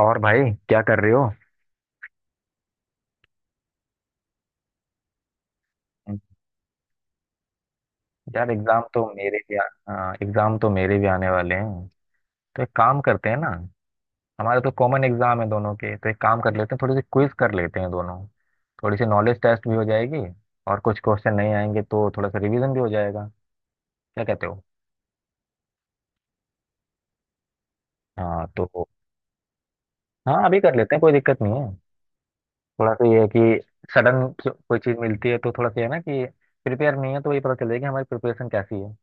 और भाई, क्या कर रहे हो? यार एग्जाम तो मेरे भी एग्जाम तो मेरे भी आने वाले हैं। तो एक काम करते हैं ना। हमारे तो कॉमन एग्जाम है दोनों के, तो एक काम कर लेते हैं, थोड़ी सी क्विज कर लेते हैं दोनों। थोड़ी सी नॉलेज टेस्ट भी हो जाएगी, और कुछ क्वेश्चन नहीं आएंगे तो थोड़ा सा रिवीजन भी हो जाएगा। क्या कहते हो? हाँ तो। हाँ, अभी कर लेते हैं, कोई दिक्कत नहीं है। थोड़ा सा ये है कि सडन कोई चीज मिलती है तो थोड़ा सा ये है ना कि प्रिपेयर नहीं है, तो ये पता चलेगा कि हमारी प्रिपरेशन कैसी है।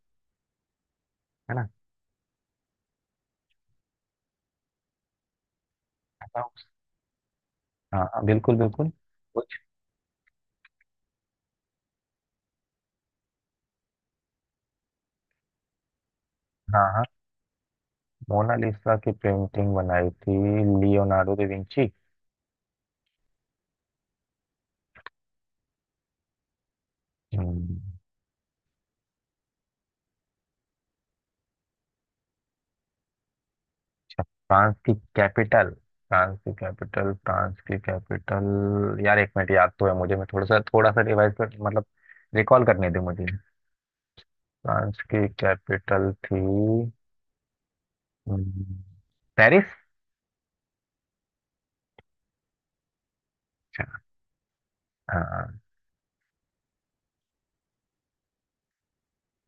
है ना? ऐसा हो- हाँ हाँ, बिल्कुल बिल्कुल। कुछ। हाँ हाँ। मोनालिसा की पेंटिंग बनाई थी, लियोनार्डो दा विंची। हम्म। अच्छा, फ्रांस की कैपिटल, फ्रांस की कैपिटल, फ्रांस की कैपिटल, यार एक मिनट, याद तो है मुझे, मैं थोड़ा सा रिवाइज कर, मतलब रिकॉल करने दे मुझे। फ्रांस की कैपिटल थी हम्म, पेरिस। अच्छा, हाँ।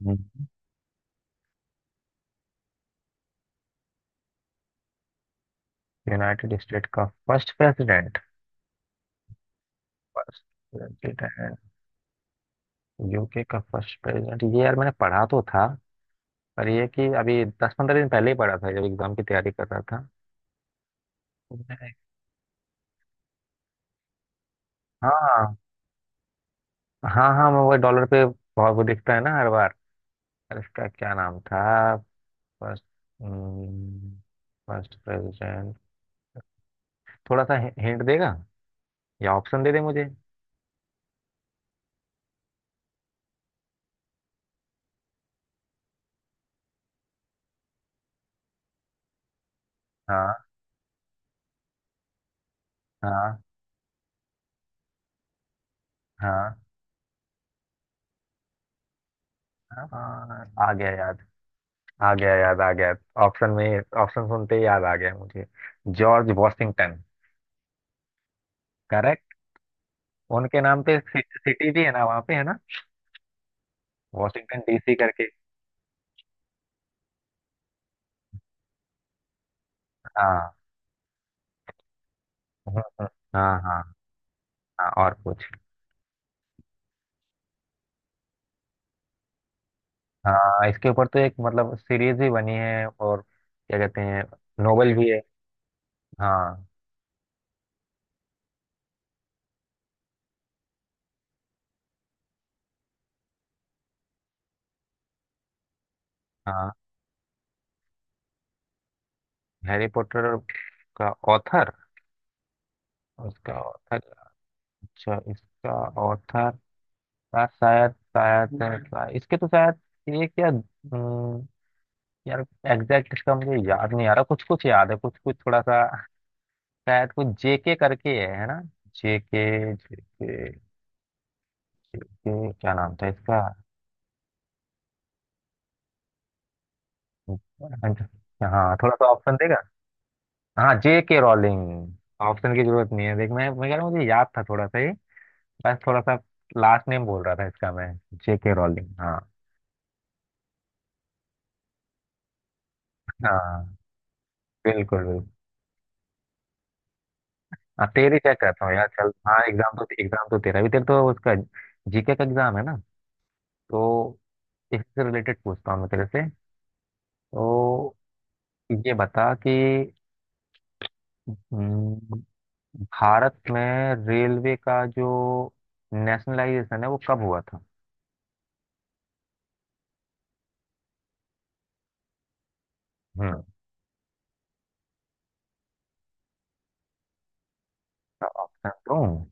हम्म। यूनाइटेड स्टेट का first president, first president, UK का फर्स्ट प्रेसिडेंट, ये यार मैंने पढ़ा तो था, पर ये कि अभी 10-15 दिन पहले ही पढ़ा था जब एग्जाम की तैयारी कर रहा था। है। हाँ हाँ, हाँ मैं वो डॉलर पे भाव वो दिखता है ना हर बार। और इसका क्या नाम था? फर्स्ट। हम्म, फर्स्ट प्रेसिडेंट। थोड़ा सा। हिंट देगा? या ऑप्शन दे दे मुझे। हाँ। हाँ। हाँ। हाँ, आ गया याद, आ गया याद आ गया। ऑप्शन में, ऑप्शन सुनते ही याद आ गया मुझे। George Washington. करेक्ट। उनके नाम पे सिटी भी है ना, वहाँ पे, है ना? वॉशिंगटन डीसी करके। हाँ हाँ, हाँ हाँ हाँ। हाँ, और कुछ? हाँ, इसके ऊपर तो एक मतलब सीरीज भी बनी है, और क्या कहते हैं, नोवेल भी है। हाँ। हाँ, हैरी पॉटर का ऑथर, उसका ऑथर। अच्छा, इसका ऑथर, यार शायद शायद शायद- इसके तो शायद, एक या यार, एग्जैक्ट इसका मुझे याद नहीं आ रहा, कुछ कुछ याद है, कुछ कुछ थोड़ा सा, शायद कुछ जेके करके है ना? जेके, जेके, जेके क्या नाम था इसका? हाँ, थोड़ा सा ऑप्शन देगा। हाँ, जे के रॉलिंग। ऑप्शन की जरूरत नहीं है, देख, मैं कह रहा हूँ, मुझे याद था थोड़ा सा ही, बस थोड़ा सा लास्ट नेम बोल रहा था इसका मैं, जे के रॉलिंग। हाँ। हाँ, बिल्कुल बिल्कुल। हाँ, तेरी चेक करता हूँ यार, चल। हाँ, एग्जाम तो तेरा भी, तेरे तो उसका जीके का एग्जाम है ना, तो इससे रिलेटेड पूछता हूँ मैं तेरे से। तो ये बता कि हम्म, भारत में रेलवे का जो नेशनलाइजेशन है, वो कब हुआ था? हम्म, ऑप्शन दूं?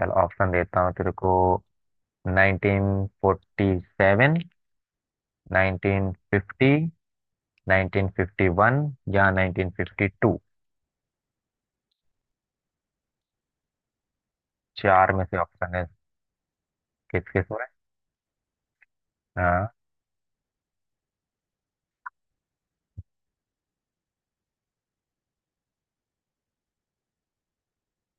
चल ऑप्शन देता हूँ तेरे को। 1947, 1950, 1951 या 1952। चार में से ऑप्शन है। किस किस में? हाँ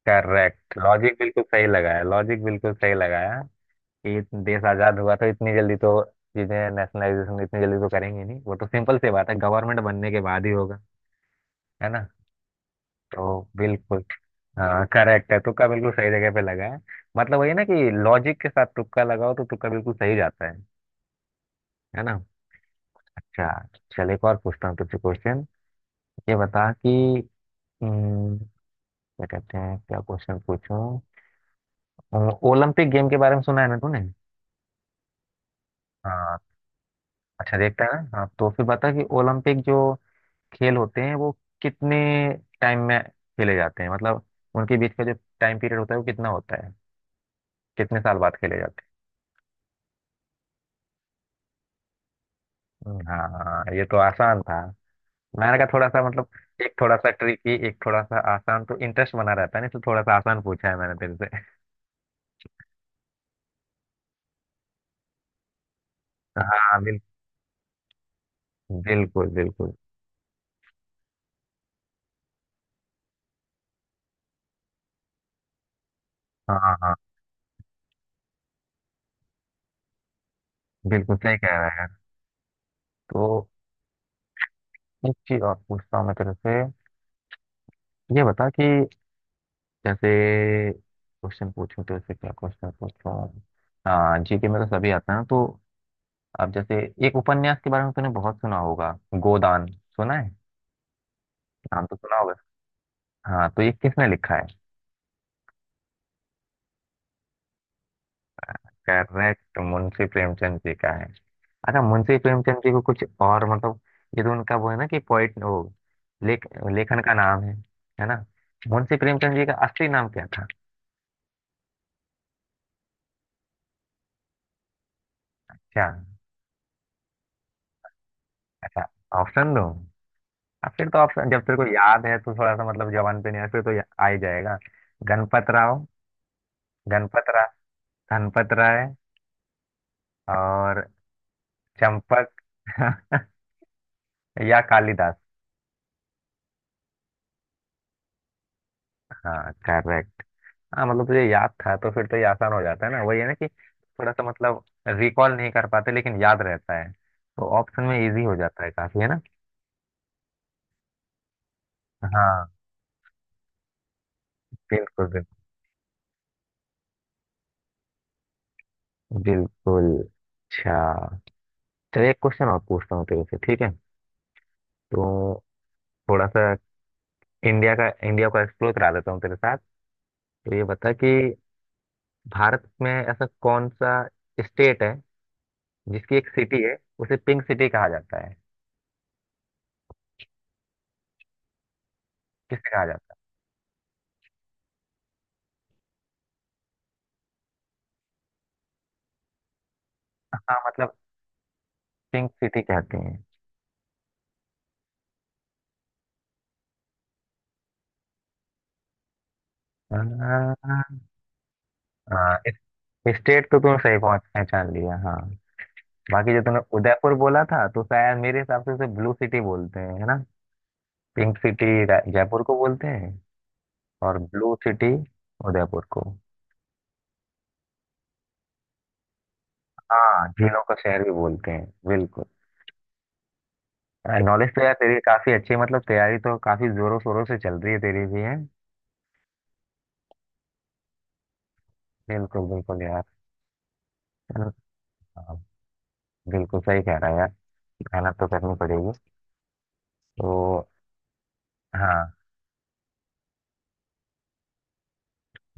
करेक्ट, लॉजिक बिल्कुल सही लगाया, लॉजिक बिल्कुल सही लगाया। कि देश आजाद हुआ तो इतनी जल्दी तो चीजें नेशनलाइजेशन इतनी जल्दी तो करेंगे नहीं, वो तो सिंपल सी बात है, गवर्नमेंट बनने के बाद ही होगा। है ना? तो बिल्कुल। हाँ करेक्ट है, तुक्का बिल्कुल सही जगह पे लगा है। मतलब वही है ना कि लॉजिक के साथ तुक्का लगाओ तो तुक्का बिल्कुल सही जाता है। है ना? अच्छा, चल एक और पूछता हूँ तुझसे क्वेश्चन। ये बता कि हम्म, क्या कहते हैं, क्या क्वेश्चन पूछूं? अ, ओलंपिक गेम के बारे में सुना है ना तूने? हाँ। अच्छा, देखता है ना, हाँ। तो फिर बता कि ओलंपिक जो खेल होते हैं, वो कितने टाइम में खेले जाते हैं, मतलब उनके बीच का जो टाइम पीरियड होता है, वो कितना होता है? कितने साल बाद खेले जाते हैं? हाँ, ये तो आसान था। मैंने कहा, थोड़ा सा मतलब, एक थोड़ा सा ट्रिकी, एक थोड़ा सा आसान, तो इंटरेस्ट बना रहता है ना, इसलिए थोड़ा सा आसान पूछा है मैंने तेरे से। हाँ, बिल्कुल बिल्कुल। हाँ हाँ, बिल्कुल सही कह रहा है यार। तो एक चीज और पूछता हूँ मैं तेरे से। ये बता कि, जैसे, क्वेश्चन पूछूं तेरे से, क्या क्वेश्चन पूछूं? हाँ, जीके में तो सभी आते हैं ना, तो अब जैसे, एक उपन्यास के बारे में तूने बहुत सुना होगा, गोदान सुना है? नाम तो सुना होगा। हाँ, तो ये किसने लिखा है? करेक्ट, मुंशी प्रेमचंद जी का है। अच्छा, मुंशी प्रेमचंद जी को कुछ और मतलब, ये तो उनका वो है ना कि पोइट, वो लेख लेखन का नाम है ना? मुंशी प्रेमचंद जी का असली नाम क्या था? क्या? अच्छा, ऑप्शन दो। अब फिर तो ऑप्शन, जब तेरे को याद है तो थोड़ा सा मतलब जवान पे नहीं आया, फिर तो आ ही जाएगा। गणपत राव, गणपत रा धनपत राय, और चंपक। या कालिदास? हाँ करेक्ट। हाँ मतलब तुझे याद था तो फिर तो ये आसान हो जाता है ना, वही है ना कि थोड़ा सा मतलब रिकॉल नहीं कर पाते लेकिन याद रहता है तो ऑप्शन में इजी हो जाता है काफी, है ना? हाँ बिल्कुल बिल्कुल बिल्कुल। अच्छा, चलिए एक क्वेश्चन और पूछता हूँ तेरे से, ठीक है? तो थोड़ा सा इंडिया का, इंडिया को एक्सप्लोर करा देता हूँ तेरे साथ। तो ये बता कि भारत में ऐसा कौन सा स्टेट है जिसकी एक सिटी है, उसे पिंक सिटी कहा जाता है? किसे कहा जाता है? हाँ मतलब पिंक सिटी कहते हैं। आ, स्टेट तो तुमने सही पहुंच पहचान लिया, हाँ। बाकी जो तुमने उदयपुर बोला था, तो शायद मेरे हिसाब से उसे ब्लू सिटी बोलते हैं, है ना? पिंक सिटी जयपुर को बोलते हैं, और ब्लू सिटी उदयपुर को। हाँ, झीलों का शहर भी बोलते हैं, बिल्कुल। नॉलेज तो यार तेरी काफी अच्छी है, मतलब तैयारी तो काफी जोरों शोरों से चल रही है तेरी भी, है बिल्कुल बिल्कुल यार। चलो, हाँ, बिल्कुल सही कह रहा है यार, मेहनत तो करनी पड़ेगी। तो हाँ,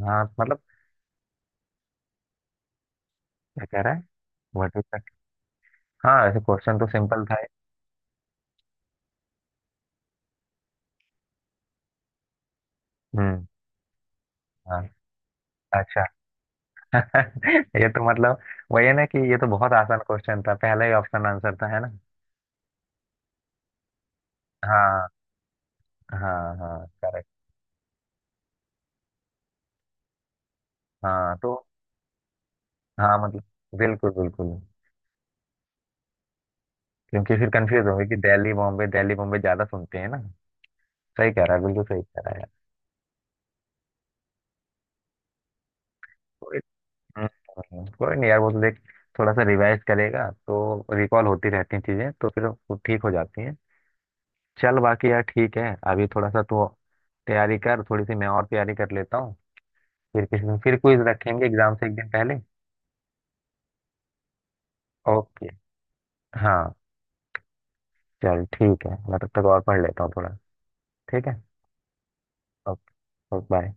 हाँ मतलब, क्या कह रहा है, व्हाट इज दैट? हाँ, ऐसे क्वेश्चन तो सिंपल था ही। हम्म। हाँ। अच्छा। ये तो मतलब वही है ना कि ये तो बहुत आसान क्वेश्चन था, पहला ही ऑप्शन आंसर था, है ना? हाँ हाँ, हाँ करेक्ट। हाँ तो। हाँ मतलब, बिल्कुल बिल्कुल। क्योंकि फिर कंफ्यूज होंगे कि दिल्ली बॉम्बे, दिल्ली बॉम्बे ज्यादा सुनते हैं ना। सही कह रहा है, बिल्कुल सही कह रहा है यार। कोई हम्म, कोई नहीं यार, वो तो देख, थोड़ा सा रिवाइज करेगा तो रिकॉल होती रहती हैं चीजें तो फिर वो ठीक हो जाती हैं। चल बाकी यार ठीक है, अभी थोड़ा सा तो तैयारी कर, थोड़ी सी मैं और तैयारी कर लेता हूँ, फिर किसी दिन फिर क्विज रखेंगे एग्जाम से एक दिन पहले। ओके। हाँ, चल ठीक है, मैं तब तक और पढ़ लेता हूँ थोड़ा। ठीक है। Okay, bye.